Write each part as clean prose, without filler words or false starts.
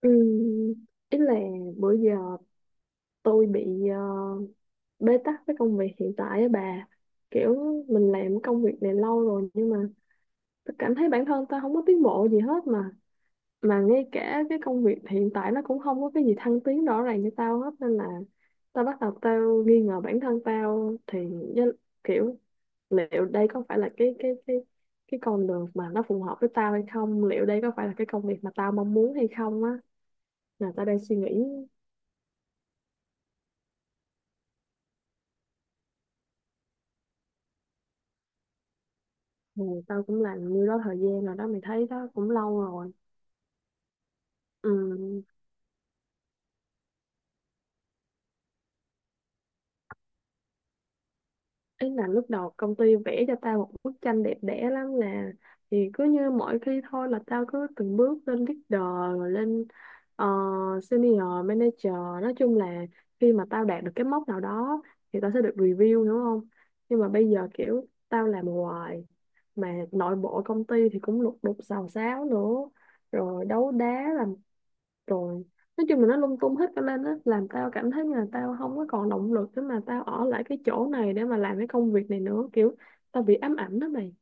Ừm, ý là Bữa giờ tôi bị bế tắc với công việc hiện tại á bà, kiểu mình làm công việc này lâu rồi, nhưng mà tôi cảm thấy bản thân tôi không có tiến bộ gì hết, mà ngay cả cái công việc hiện tại nó cũng không có cái gì thăng tiến rõ ràng cho tao hết, nên là tao bắt đầu tao nghi ngờ bản thân tao thì với- kiểu liệu đây có phải là cái con đường mà nó phù hợp với tao hay không, liệu đây có phải là cái công việc mà tao mong muốn hay không á, là tao đang suy nghĩ. Ừ, tao cũng làm như đó thời gian rồi đó mày, thấy đó cũng lâu rồi. Ừ, ý là lúc đầu công ty vẽ cho tao một bức tranh đẹp đẽ lắm nè, thì cứ như mỗi khi thôi là tao cứ từng bước lên leader, rồi lên ờ, senior manager, nói chung là khi mà tao đạt được cái mốc nào đó thì tao sẽ được review, đúng không. Nhưng mà bây giờ kiểu tao làm hoài mà nội bộ công ty thì cũng lục đục xào xáo nữa, rồi đấu đá làm, rồi nói chung là nó lung tung hết cả lên á, làm tao cảm thấy như là tao không có còn động lực để mà tao ở lại cái chỗ này để mà làm cái công việc này nữa, kiểu tao bị ám ảnh đó mày.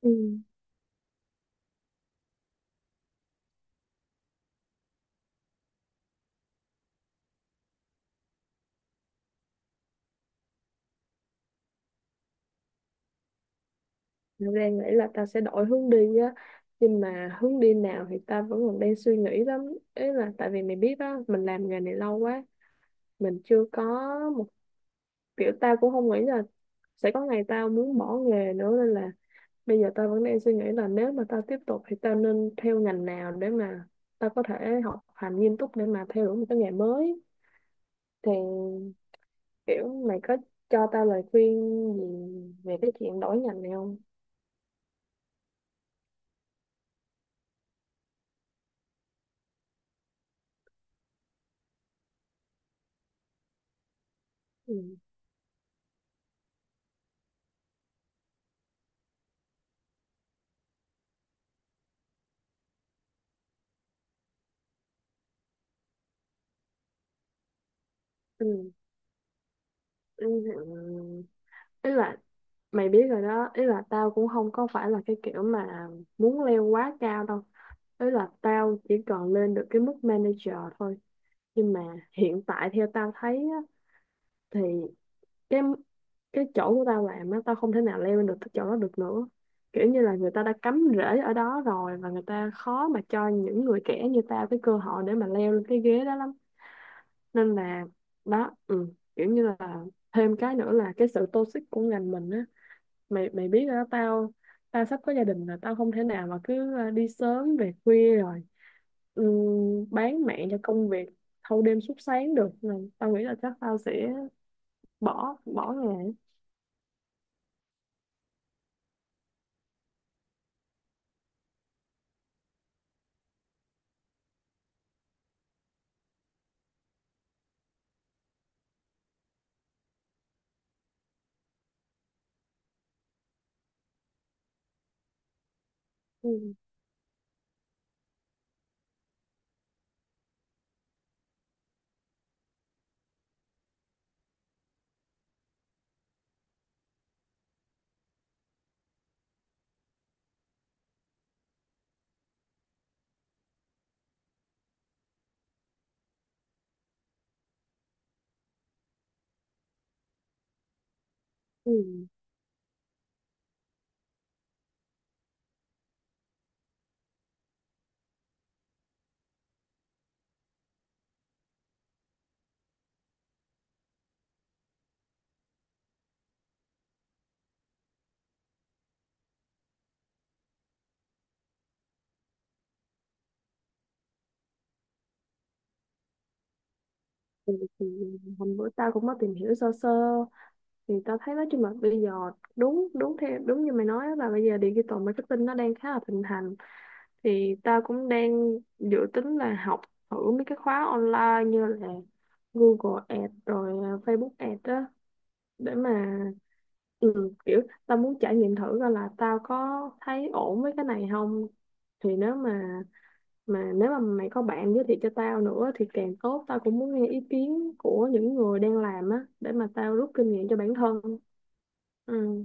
Ừ. Tao đang nghĩ là tao sẽ đổi hướng đi á, nhưng mà hướng đi nào thì tao vẫn còn đang suy nghĩ lắm. Ý là tại vì mày biết á, mình làm nghề này lâu quá, mình chưa có một, kiểu tao cũng không nghĩ là sẽ có ngày tao muốn bỏ nghề nữa, nên là bây giờ tao vẫn đang suy nghĩ là nếu mà tao tiếp tục thì tao nên theo ngành nào để mà tao có thể học hành nghiêm túc để mà theo đuổi một cái nghề mới, thì kiểu mày có cho tao lời khuyên gì về cái chuyện đổi ngành này không? Ừ. Ừ. Ừ. Ừ, ý là mày biết rồi đó, ý là tao cũng không có phải là cái kiểu mà muốn leo quá cao đâu, ý là tao chỉ còn lên được cái mức manager thôi. Nhưng mà hiện tại theo tao thấy á, thì cái cái chỗ của tao làm á, tao không thể nào leo lên được cái chỗ đó được nữa, kiểu như là người ta đã cắm rễ ở đó rồi và người ta khó mà cho những người trẻ như tao cái cơ hội để mà leo lên cái ghế đó lắm, nên là đó. Ừ, kiểu như là thêm cái nữa là cái sự toxic của ngành mình á, mày mày biết rồi đó, tao tao sắp có gia đình rồi, tao không thể nào mà cứ đi sớm về khuya rồi, ừ, bán mạng cho công việc thâu đêm suốt sáng được. Nên tao nghĩ là chắc tao sẽ bỏ bỏ nghề. Ừ. Ừ. Thì hôm bữa tao cũng có tìm hiểu sơ sơ, thì tao thấy đó chung mà bây giờ đúng đúng theo đúng như mày nói á, là bây giờ digital marketing nó đang khá là thịnh hành, thì tao cũng đang dự tính là học thử mấy cái khóa online như là Google Ads rồi à, Facebook Ads á, để mà ừ, kiểu tao muốn trải nghiệm thử coi là tao có thấy ổn với cái này không. Thì nếu mà nếu mà mày có bạn giới thiệu cho tao nữa thì càng tốt, tao cũng muốn nghe ý kiến của những người đang làm á, để mà tao rút kinh nghiệm cho bản thân. Ừ.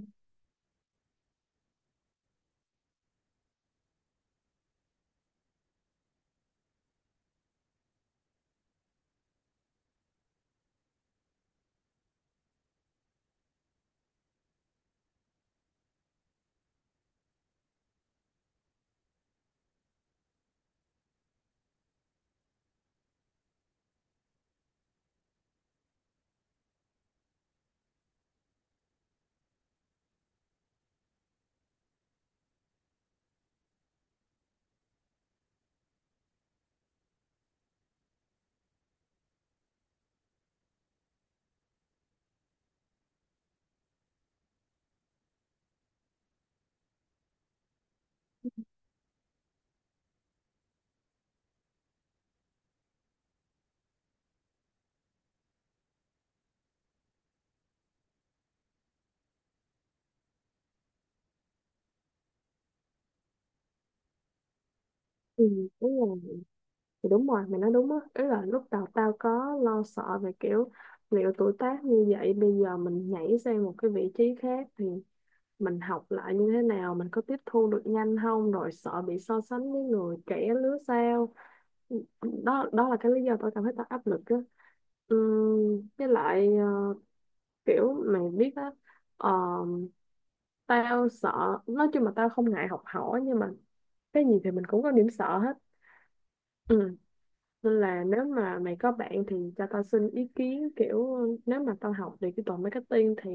Ừ, đúng rồi. Thì đúng rồi, mày nói đúng á. Ý là lúc đầu tao có lo sợ về kiểu liệu tuổi tác như vậy, bây giờ mình nhảy sang một cái vị trí khác thì mình học lại như thế nào, mình có tiếp thu được nhanh không, rồi sợ bị so sánh với người trẻ lứa sau. Đó đó là cái lý do tao cảm thấy tao áp lực á. Ừ, với lại kiểu mày biết á, ờ, tao sợ, nói chung là tao không ngại học hỏi nhưng mà cái gì thì mình cũng có điểm sợ hết. Ừ. Nên là nếu mà mày có bạn thì cho tao xin ý kiến, kiểu nếu mà tao học digital marketing thì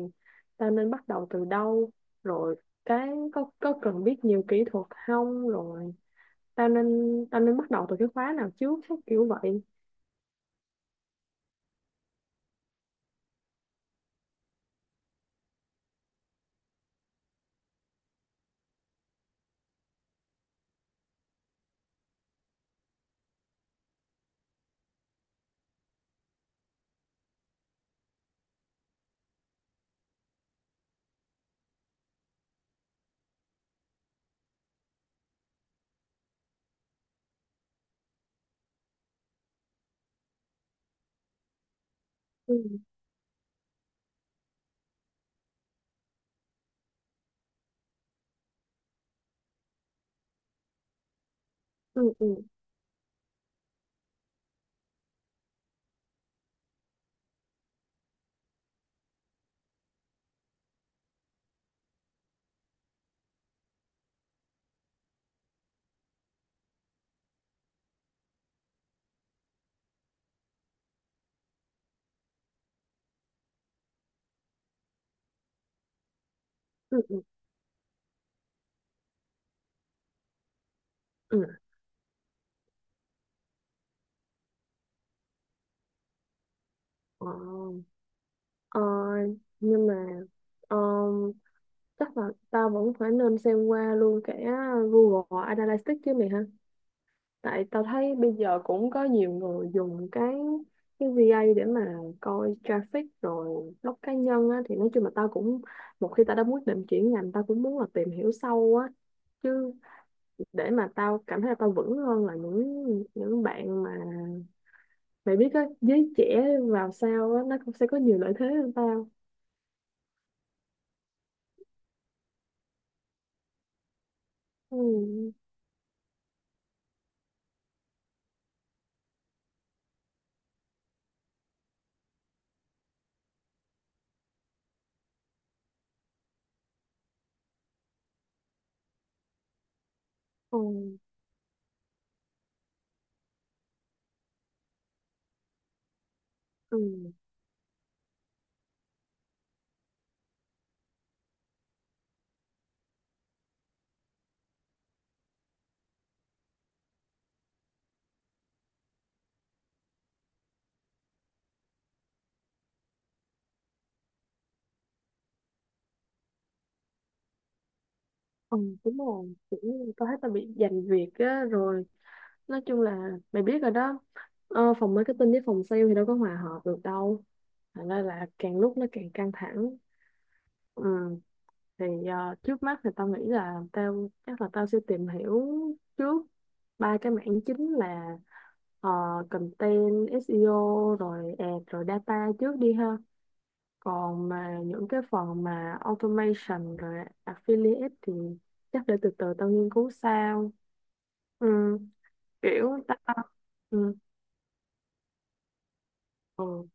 tao nên bắt đầu từ đâu, rồi cái có cần biết nhiều kỹ thuật không, rồi tao nên tao nên bắt đầu từ cái khóa nào trước, cái kiểu vậy. Ừ. Ừ. Ừ. Ừ. Ừ, ừ. Ờ, ờ, nhưng mà ờ, chắc là tao vẫn phải nên xem qua luôn cả Google Analytics chứ mày ha, tại tao thấy bây giờ cũng có nhiều người dùng cái VA để mà coi traffic rồi blog cá nhân á, thì nói chung là tao cũng, một khi tao đã quyết định chuyển ngành tao cũng muốn là tìm hiểu sâu á, chứ để mà tao cảm thấy là tao vững hơn là những bạn mà, mày biết á, giới trẻ vào sau á nó cũng sẽ có nhiều lợi thế hơn tao. Ừ. Ừ. Ừ. Ừ, đúng rồi, kiểu như tao thấy tao bị giành việc á, rồi nói chung là mày biết rồi đó, phòng marketing với phòng sale thì đâu có hòa hợp được đâu, thành ra là càng lúc nó càng căng thẳng. Ừ, thì trước mắt thì tao nghĩ là tao, chắc là tao sẽ tìm hiểu trước ba cái mảng chính là ờ, content SEO rồi ad rồi data trước đi ha. Còn mà những cái phần mà automation rồi affiliate thì chắc để từ từ tao nghiên cứu sao. Ừ, kiểu tao, ừ, ừ,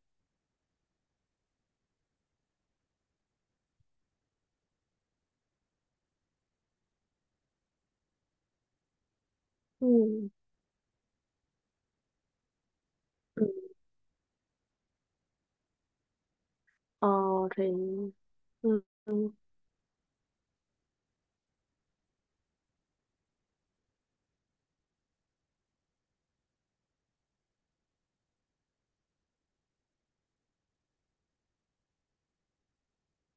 ừ, ừ. Ờ thì ừ, ừ,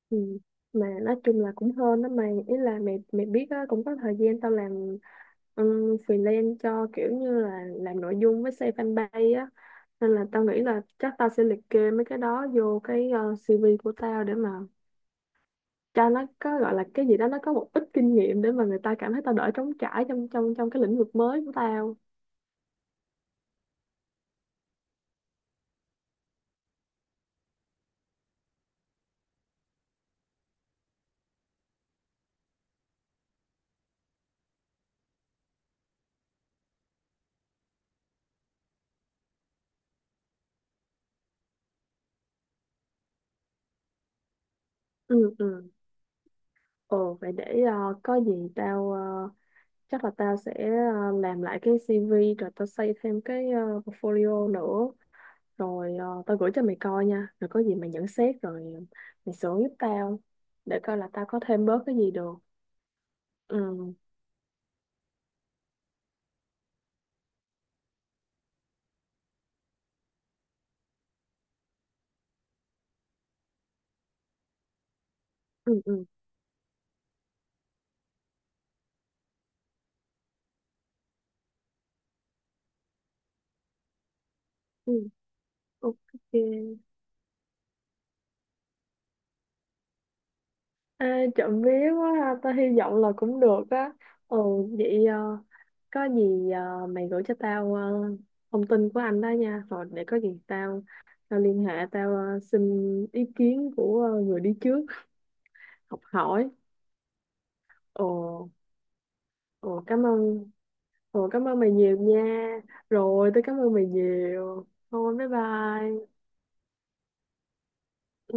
ừ. Mà nói chung là cũng hơn đó mày, ý là mày mày biết á, cũng có thời gian tao làm um, freelance cho, kiểu như là làm nội dung với xây fanpage á, nên là tao nghĩ là chắc tao sẽ liệt kê mấy cái đó vô cái CV của tao, để mà cho nó có gọi là cái gì đó, nó có một ít kinh nghiệm để mà người ta cảm thấy tao đỡ trống trải trong trong trong cái lĩnh vực mới của tao. Ừ. Ừ. Ồ vậy để có gì tao chắc là tao sẽ làm lại cái CV, rồi tao xây thêm cái portfolio nữa, rồi tao gửi cho mày coi nha, rồi có gì mày nhận xét, rồi mày sửa giúp tao để coi là tao có thêm bớt cái gì được. Ừ. Ừ. Ừ. Ừ. Ok. À, trộm vía quá ha. Tao hy vọng là cũng được á. Ừ. Vậy có gì mày gửi cho tao thông tin của anh đó nha, rồi để có gì tao tao liên hệ, tao xin ý kiến của người đi trước, học hỏi. Ồ. Ồ, cảm ơn. Ồ, cảm ơn mày nhiều nha, rồi tôi cảm ơn mày nhiều, thôi bye bye. Ừ.